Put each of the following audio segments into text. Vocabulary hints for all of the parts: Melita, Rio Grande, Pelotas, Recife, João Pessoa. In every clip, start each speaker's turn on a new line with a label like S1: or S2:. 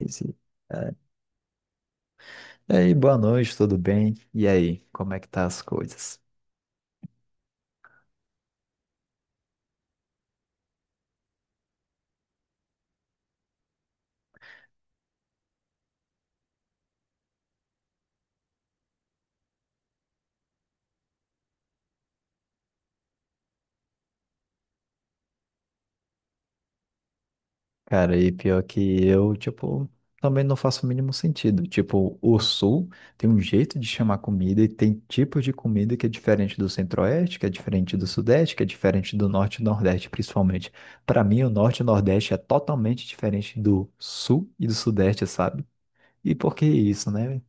S1: Esse- É. E aí, boa noite, tudo bem? E aí, como é que tá as coisas? Cara, e pior que eu, tipo, também não faço o mínimo sentido. Tipo, o Sul tem um jeito de chamar comida e tem tipos de comida que é diferente do Centro-Oeste, que é diferente do Sudeste, que é diferente do Norte e Nordeste, principalmente. Para mim, o Norte e o Nordeste é totalmente diferente do Sul e do Sudeste, sabe? E por que isso, né?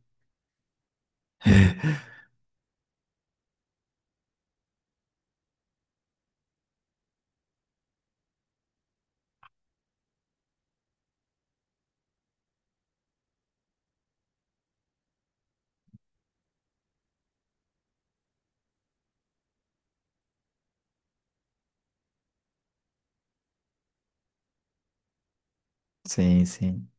S1: Sim, sim.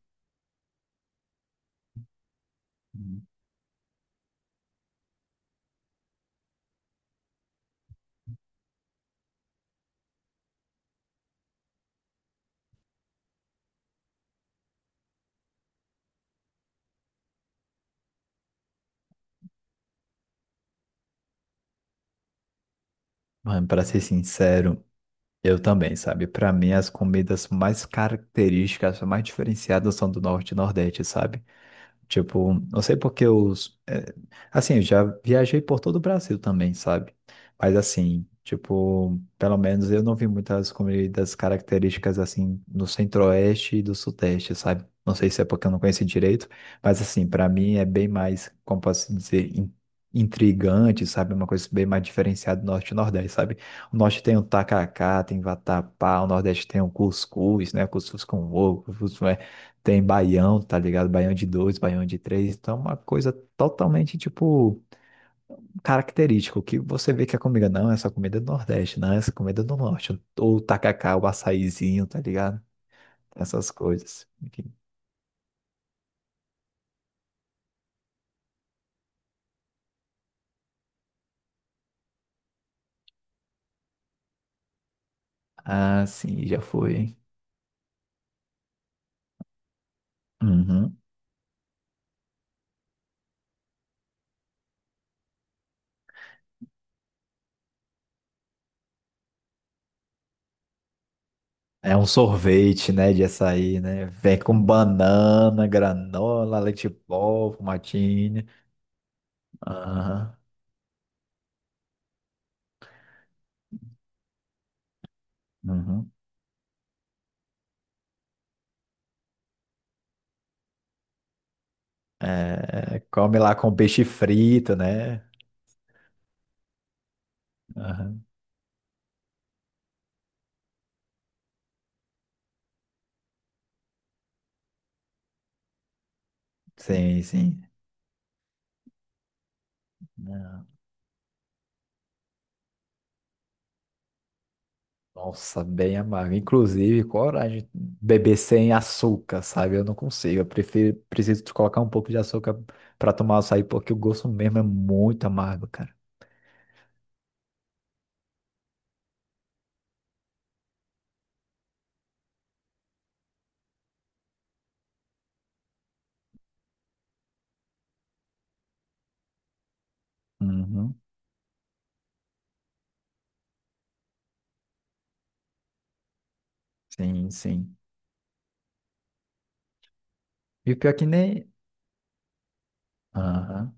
S1: Mano, pra ser sincero. Eu também, sabe? Para mim, as comidas mais características, mais diferenciadas são do Norte e Nordeste, sabe? Tipo, não sei porque assim, eu já viajei por todo o Brasil também, sabe? Mas assim, tipo, pelo menos eu não vi muitas comidas características assim no Centro-Oeste e do Sudeste, sabe? Não sei se é porque eu não conheci direito, mas assim, pra mim é bem mais, como posso dizer, intrigante, sabe? Uma coisa bem mais diferenciada do Norte e Nordeste, sabe? O Norte tem o tacacá, tem vatapá, o Nordeste tem o cuscuz, né? Cuscuz com ovo, tem baião, tá ligado? Baião de dois, baião de três. Então, é uma coisa totalmente, tipo, característica. O que você vê que a comida não, essa comida é do Nordeste, não, essa comida é do Norte. Ou o tacacá, o açaizinho, tá ligado? Essas coisas. Enfim. Ah, sim, já foi, hein? Uhum. É um sorvete, né, de açaí, né? Vem com banana, granola, leite pó, fumatinha. Aham. Uhum. É, come lá com peixe frito, né? Aham. Sim, sim. Não. Nossa, bem amargo. Inclusive, coragem de beber sem açúcar, sabe? Eu não consigo. Eu prefiro, preciso de colocar um pouco de açúcar para tomar açaí, porque o gosto mesmo é muito amargo, cara. Uhum. Sim, sim. E o pior é que nem. Aham.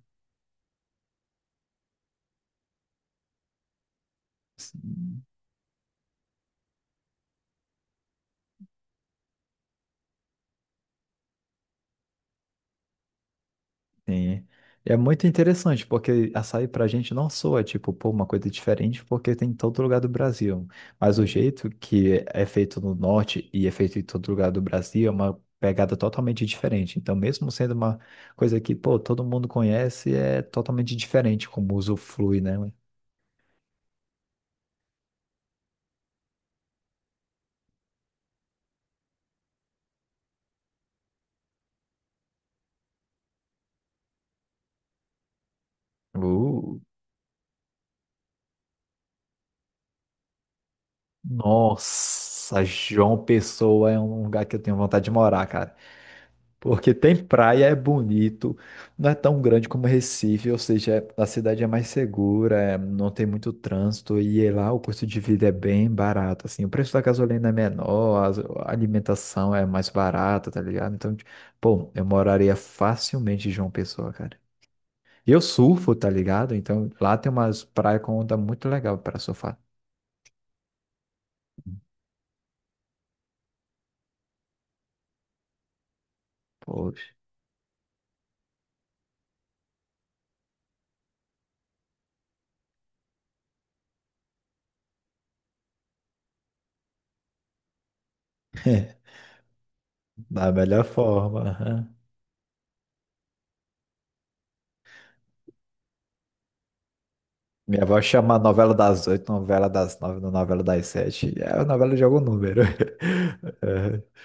S1: Sim. E é muito interessante, porque açaí pra gente não soa, tipo, pô, uma coisa diferente, porque tem em todo lugar do Brasil. Mas o jeito que é feito no Norte e é feito em todo lugar do Brasil é uma pegada totalmente diferente. Então, mesmo sendo uma coisa que, pô, todo mundo conhece, é totalmente diferente como o uso flui, né? Uh, nossa, João Pessoa é um lugar que eu tenho vontade de morar, cara. Porque tem praia, é bonito, não é tão grande como Recife, ou seja, a cidade é mais segura, é, não tem muito trânsito e é lá o custo de vida é bem barato, assim, o preço da gasolina é menor, a alimentação é mais barata, tá ligado? Então, pô, eu moraria facilmente em João Pessoa, cara. E eu surfo, tá ligado? Então lá tem umas praias com onda muito legal para surfar. Poxa, da melhor forma. Minha avó chama a novela das oito, novela das nove, novela das sete. É a novela de algum número.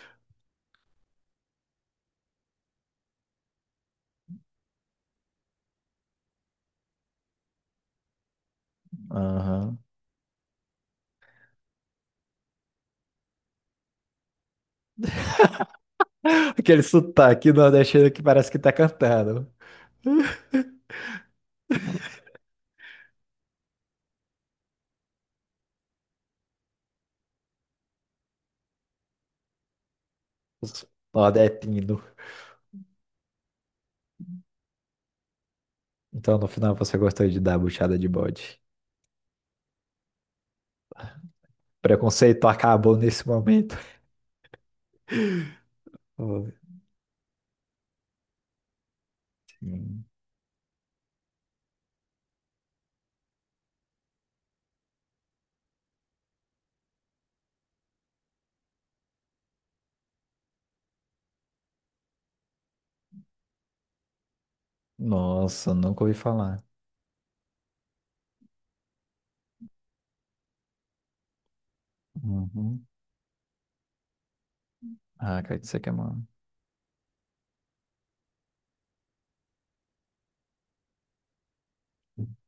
S1: É, aham. Aquele sotaque nordestino que parece que tá cantando. Os Nordestino. Então, no final, você gostou de dar a buchada de bode. Preconceito acabou nesse momento. Oh, sim. Nossa, nunca ouvi falar. Uhum. Ah, cara, isso aqui é uma...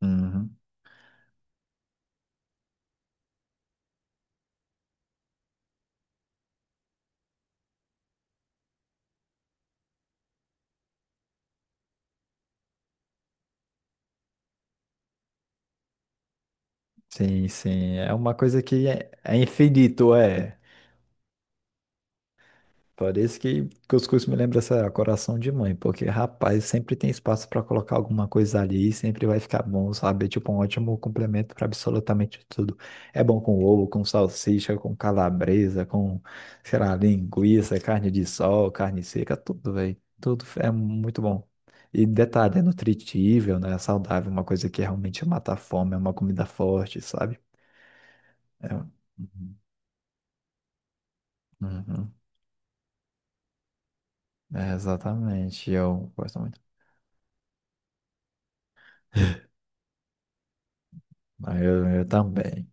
S1: Uhum. Sim, sim. É uma coisa que é, é infinito, é. Parece que cuscuz me lembra essa coração de mãe, porque rapaz, sempre tem espaço para colocar alguma coisa ali, e sempre vai ficar bom, sabe? É tipo um ótimo complemento para absolutamente tudo. É bom com ovo, com salsicha, com calabresa, com, sei lá, linguiça, carne de sol, carne seca, tudo, velho. Tudo é muito bom. E detalhe, é nutritível, né? É saudável, uma coisa que realmente mata a fome, é uma comida forte, sabe? É... um, Uhum. Uhum. É, exatamente, eu gosto muito. Ah, eu também.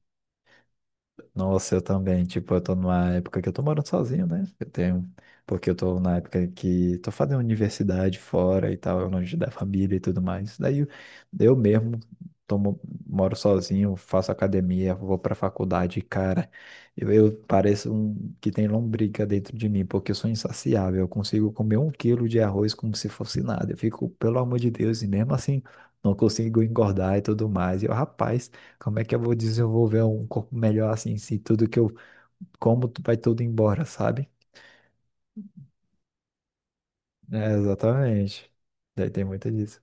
S1: Nossa, eu também. Tipo, eu tô numa época que eu tô morando sozinho, né? Eu tenho. Porque eu tô na época que tô fazendo universidade fora e tal, longe da família e tudo mais. Daí eu mesmo tomo, moro sozinho, faço academia, vou pra faculdade, e, cara. Eu pareço um que tem lombriga dentro de mim, porque eu sou insaciável. Eu consigo comer um quilo de arroz como se fosse nada. Eu fico, pelo amor de Deus, e mesmo assim não consigo engordar e tudo mais. E eu, rapaz. Como é que eu vou desenvolver um corpo melhor assim, se tudo que eu como vai tudo embora, sabe? É, exatamente. Daí tem muito disso.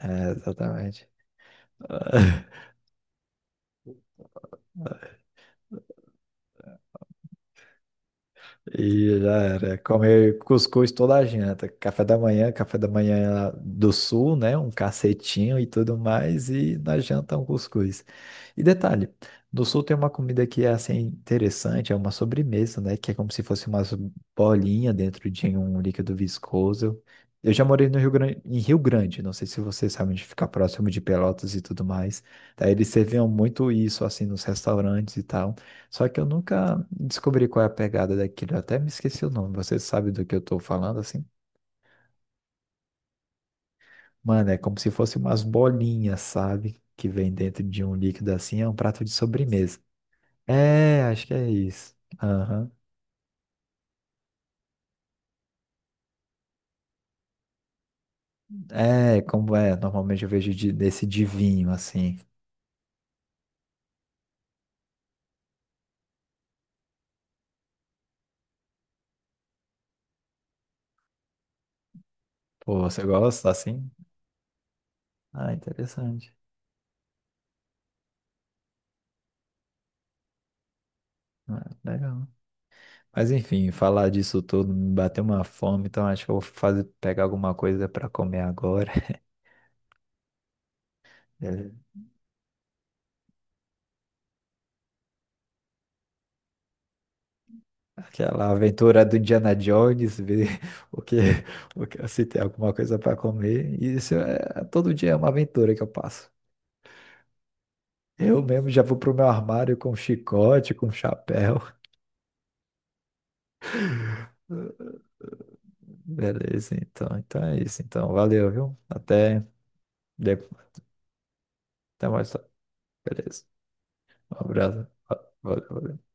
S1: É, exatamente. E já era. Comer cuscuz toda a janta. Café da manhã do sul, né? Um cacetinho e tudo mais. E na janta um cuscuz. E detalhe, no sul tem uma comida que é assim interessante, é uma sobremesa, né? Que é como se fosse umas bolinhas dentro de um líquido viscoso. Eu já morei no Rio Grande, em Rio Grande, não sei se vocês sabem onde fica próximo de Pelotas e tudo mais. Daí eles serviam muito isso assim nos restaurantes e tal. Só que eu nunca descobri qual é a pegada daquilo. Eu até me esqueci o nome. Você sabe do que eu tô falando, assim? Mano, é como se fosse umas bolinhas, sabe? Que vem dentro de um líquido assim. É um prato de sobremesa. É, acho que é isso. Aham. É, como é. Normalmente eu vejo desse de vinho, assim. Pô, você gosta assim? Ah, interessante. Ah, legal. Mas enfim, falar disso tudo me bateu uma fome, então acho que eu vou fazer, pegar alguma coisa para comer agora. Beleza? Aquela aventura do Indiana Jones, ver o que, o que se tem alguma coisa para comer. E isso é todo dia é uma aventura que eu passo. Eu mesmo já vou pro meu armário com chicote, com chapéu. Beleza, então, então é isso. Então, valeu, viu? Até, de- até mais tarde. Beleza. Um abraço. Valeu, valeu.